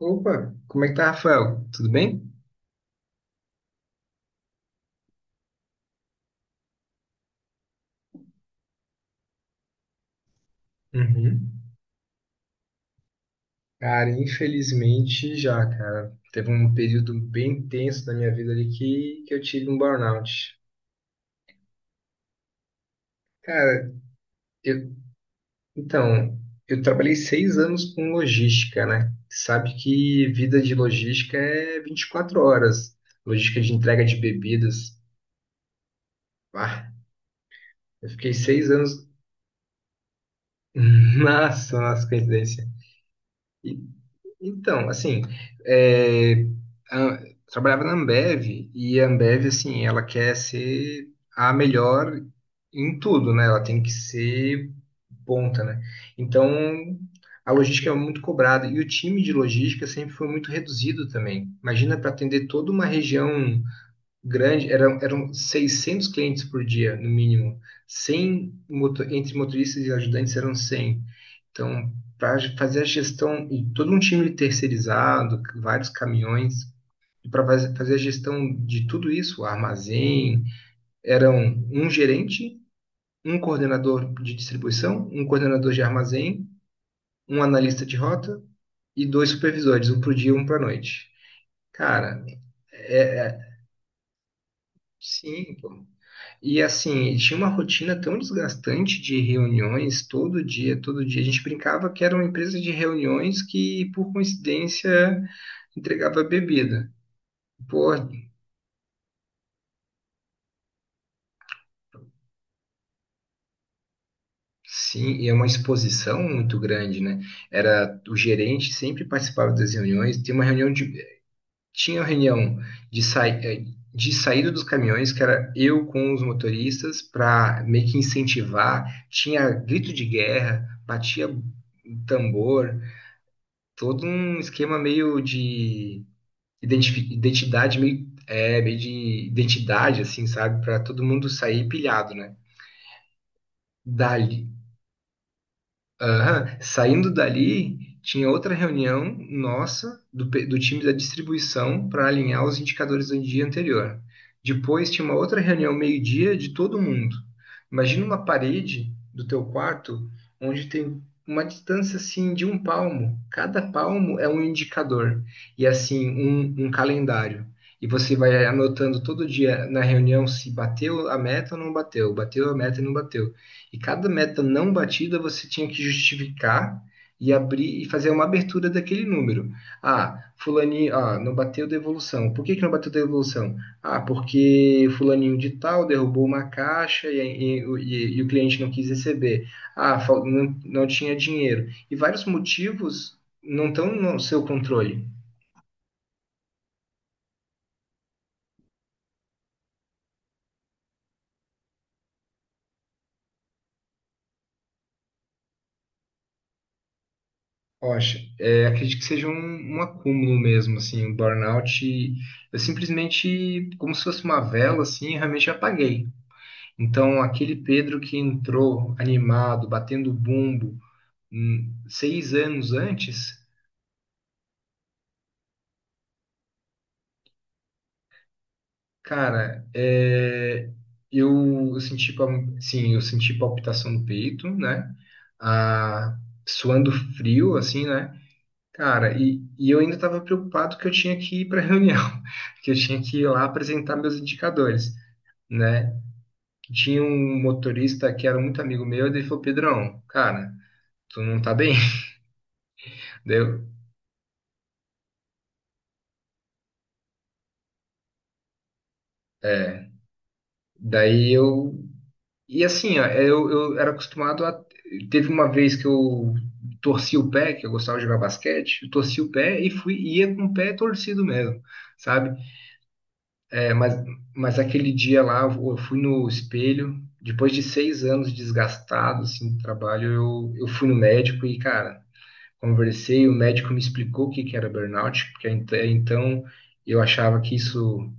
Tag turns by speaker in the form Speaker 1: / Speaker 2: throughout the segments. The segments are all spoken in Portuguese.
Speaker 1: Opa, como é que tá, Rafael? Tudo bem? Uhum. Cara, infelizmente já, cara. Teve um período bem tenso da minha vida ali que eu tive um burnout. Cara, eu, então, eu trabalhei 6 anos com logística, né? Sabe que vida de logística é 24 horas. Logística de entrega de bebidas. Ah, eu fiquei 6 anos. Nossa, nossa, coincidência. Então, assim, é, a- trabalhava na Ambev e a Ambev, assim, ela quer ser a melhor em tudo, né? Ela tem que ser ponta, né? Então, a logística é muito cobrada e o time de logística sempre foi muito reduzido também. Imagina para atender toda uma região grande, eram 600 clientes por dia, no mínimo. Entre motoristas e ajudantes eram 100. Então, para fazer a gestão e todo um time terceirizado, vários caminhões, e para fazer a gestão de tudo isso, o armazém, eram um gerente, um coordenador de distribuição, um coordenador de armazém, um analista de rota e dois supervisores, um para o dia e um para a noite. Cara, é, é- sim. Pô. E assim, tinha uma rotina tão desgastante de reuniões todo dia, todo dia. A gente brincava que era uma empresa de reuniões que, por coincidência, entregava bebida. Pô, sim, e é uma exposição muito grande, né? Era o gerente sempre participava das reuniões. Tem uma reunião de Tinha uma reunião de sai, eh, de saída dos caminhões que era eu com os motoristas para meio que incentivar. Tinha grito de guerra, batia tambor, todo um esquema meio de identidade, assim, sabe? Para todo mundo sair pilhado, né? Dali, Aham. Saindo dali, tinha outra reunião nossa, do time da distribuição, para alinhar os indicadores do dia anterior. Depois tinha uma outra reunião meio-dia de todo mundo. Imagina uma parede do teu quarto onde tem uma distância assim de um palmo. Cada palmo é um indicador e assim um calendário. E você vai anotando todo dia na reunião se bateu a meta ou não bateu, bateu a meta e não bateu. E cada meta não batida você tinha que justificar e abrir e fazer uma abertura daquele número. Ah, fulaninho, ah, não bateu devolução. Por que que não bateu devolução? Ah, porque fulaninho de tal derrubou uma caixa e o cliente não quis receber. Ah, não, não tinha dinheiro. E vários motivos não estão no seu controle. Poxa, acredito que seja um acúmulo mesmo, assim, um burnout. Eu simplesmente, como se fosse uma vela, assim, realmente apaguei. Então, aquele Pedro que entrou animado, batendo bumbo, 6 anos antes. Cara, eu, eu senti, pal- sim, eu senti palpitação no peito, né? Ah, suando frio, assim, né? Cara, e eu ainda estava preocupado que eu tinha que ir para a reunião, que eu tinha que ir lá apresentar meus indicadores, né? Tinha um motorista que era muito amigo meu, e ele falou, Pedrão, cara, tu não tá bem? Daí Daí eu. E assim, ó, eu era acostumado a. Teve uma vez que eu torci o pé, que eu gostava de jogar basquete, eu torci o pé e ia com o pé torcido mesmo, sabe? É, mas aquele dia lá, eu fui no espelho, depois de 6 anos desgastado, assim, do trabalho, eu fui no médico e, cara, conversei, o médico me explicou o que que era burnout, porque até então eu achava que isso,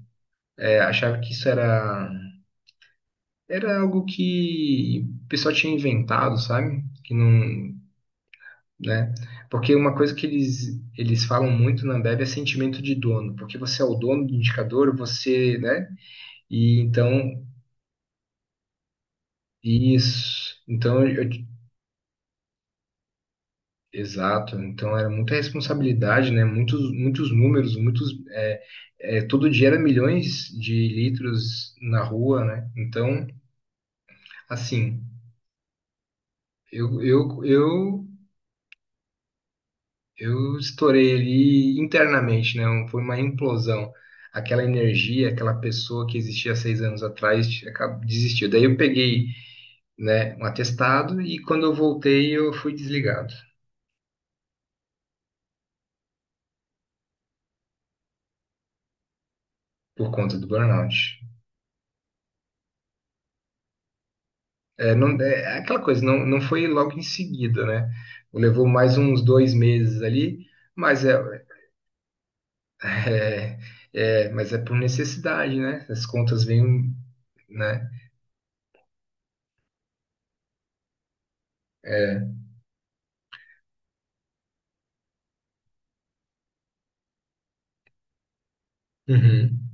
Speaker 1: achava que isso era algo que o pessoal tinha inventado, sabe? Que não, né? Porque uma coisa que eles falam muito na Ambev é sentimento de dono, porque você é o dono do indicador, você, né? E então, isso. Então, exato. Então, era muita responsabilidade, né? Muitos, muitos números, muitos. Todo dia era milhões de litros na rua, né? Então, assim, eu, eu, eu Eu estourei ali internamente, né? Foi uma implosão. Aquela energia, aquela pessoa que existia há 6 anos atrás desistiu. Daí eu peguei, né, um atestado e quando eu voltei eu fui desligado por conta do burnout. É, não, é aquela coisa, não, não foi logo em seguida, né? Levou mais uns 2 meses ali, mas é, é, mas é por necessidade, né? As contas vêm, né? Uhum.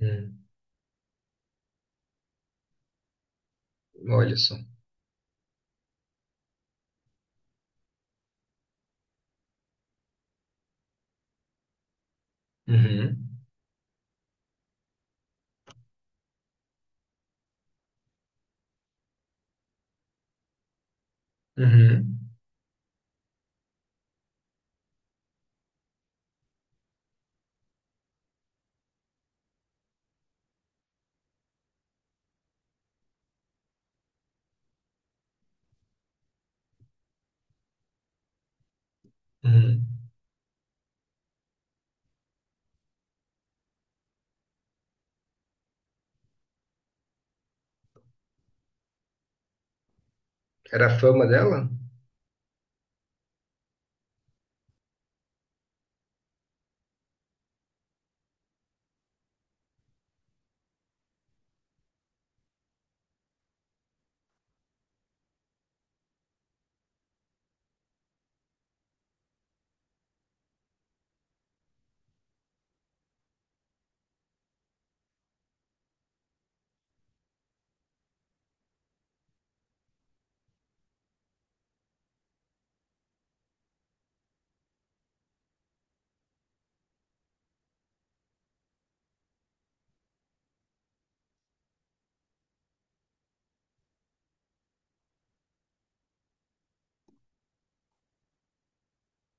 Speaker 1: Uhum. Olha só. Uhum, uhum, uhum. Era a fama dela?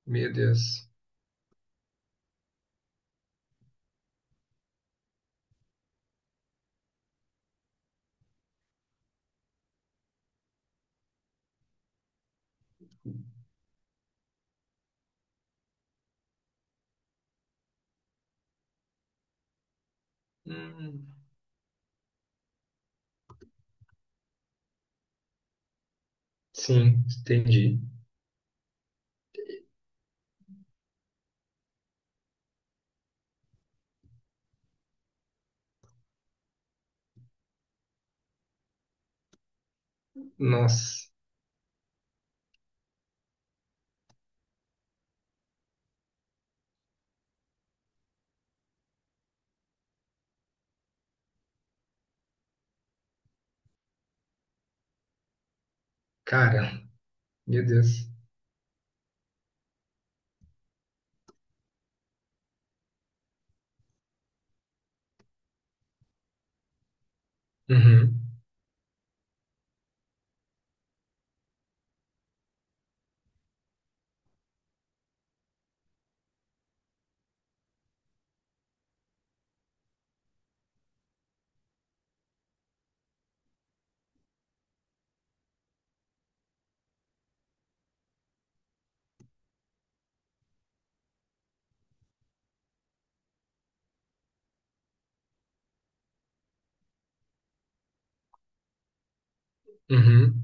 Speaker 1: Meu Deus. Hum, sim, entendi. Nossa, cara, meu Deus. Uhum, uhum.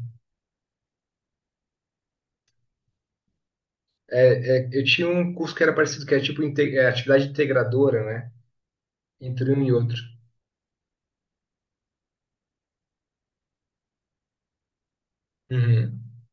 Speaker 1: Eu tinha um curso que era parecido, que era tipo atividade integradora, né? Entre um e outro. Uhum,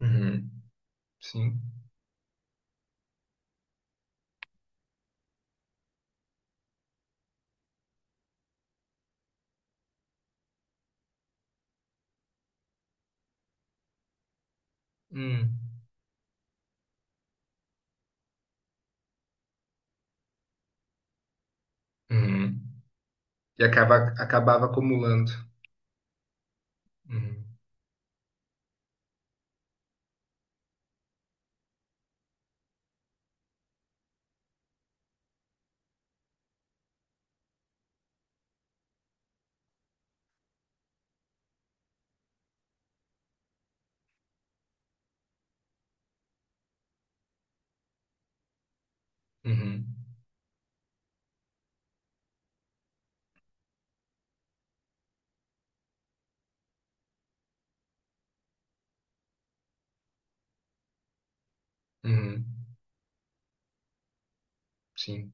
Speaker 1: uhum, sim. Hum, uhum. E acabava acumulando. Uhum, uhum, uhum, sim,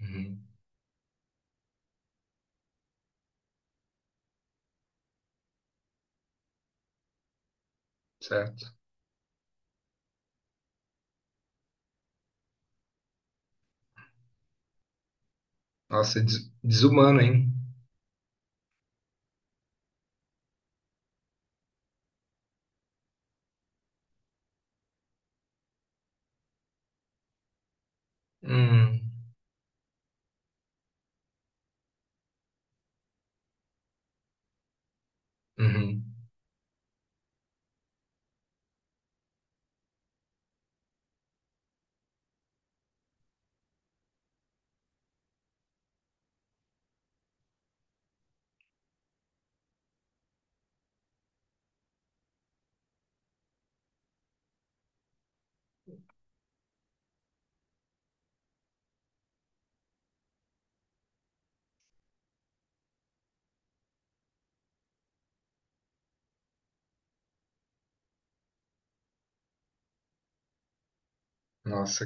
Speaker 1: uhum, certo. Nossa, desumano, hein? Hum, uhum. Nossa,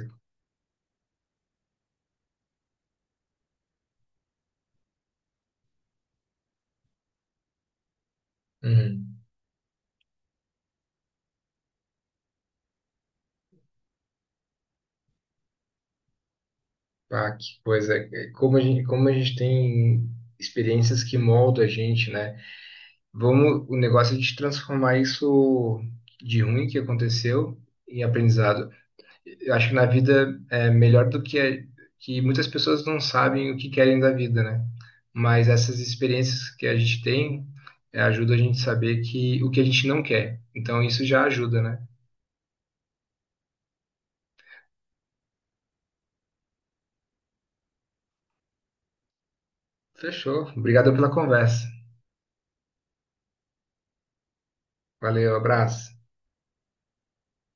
Speaker 1: uhum. Ah, que coisa. Como a gente tem experiências que moldam a gente, né? Vamos, o negócio é de transformar isso de ruim que aconteceu em aprendizado. Eu acho que na vida é melhor do que que muitas pessoas não sabem o que querem da vida, né? Mas essas experiências que a gente tem ajuda a gente a saber que o que a gente não quer. Então isso já ajuda, né? Fechou. Obrigado pela conversa. Valeu, abraço.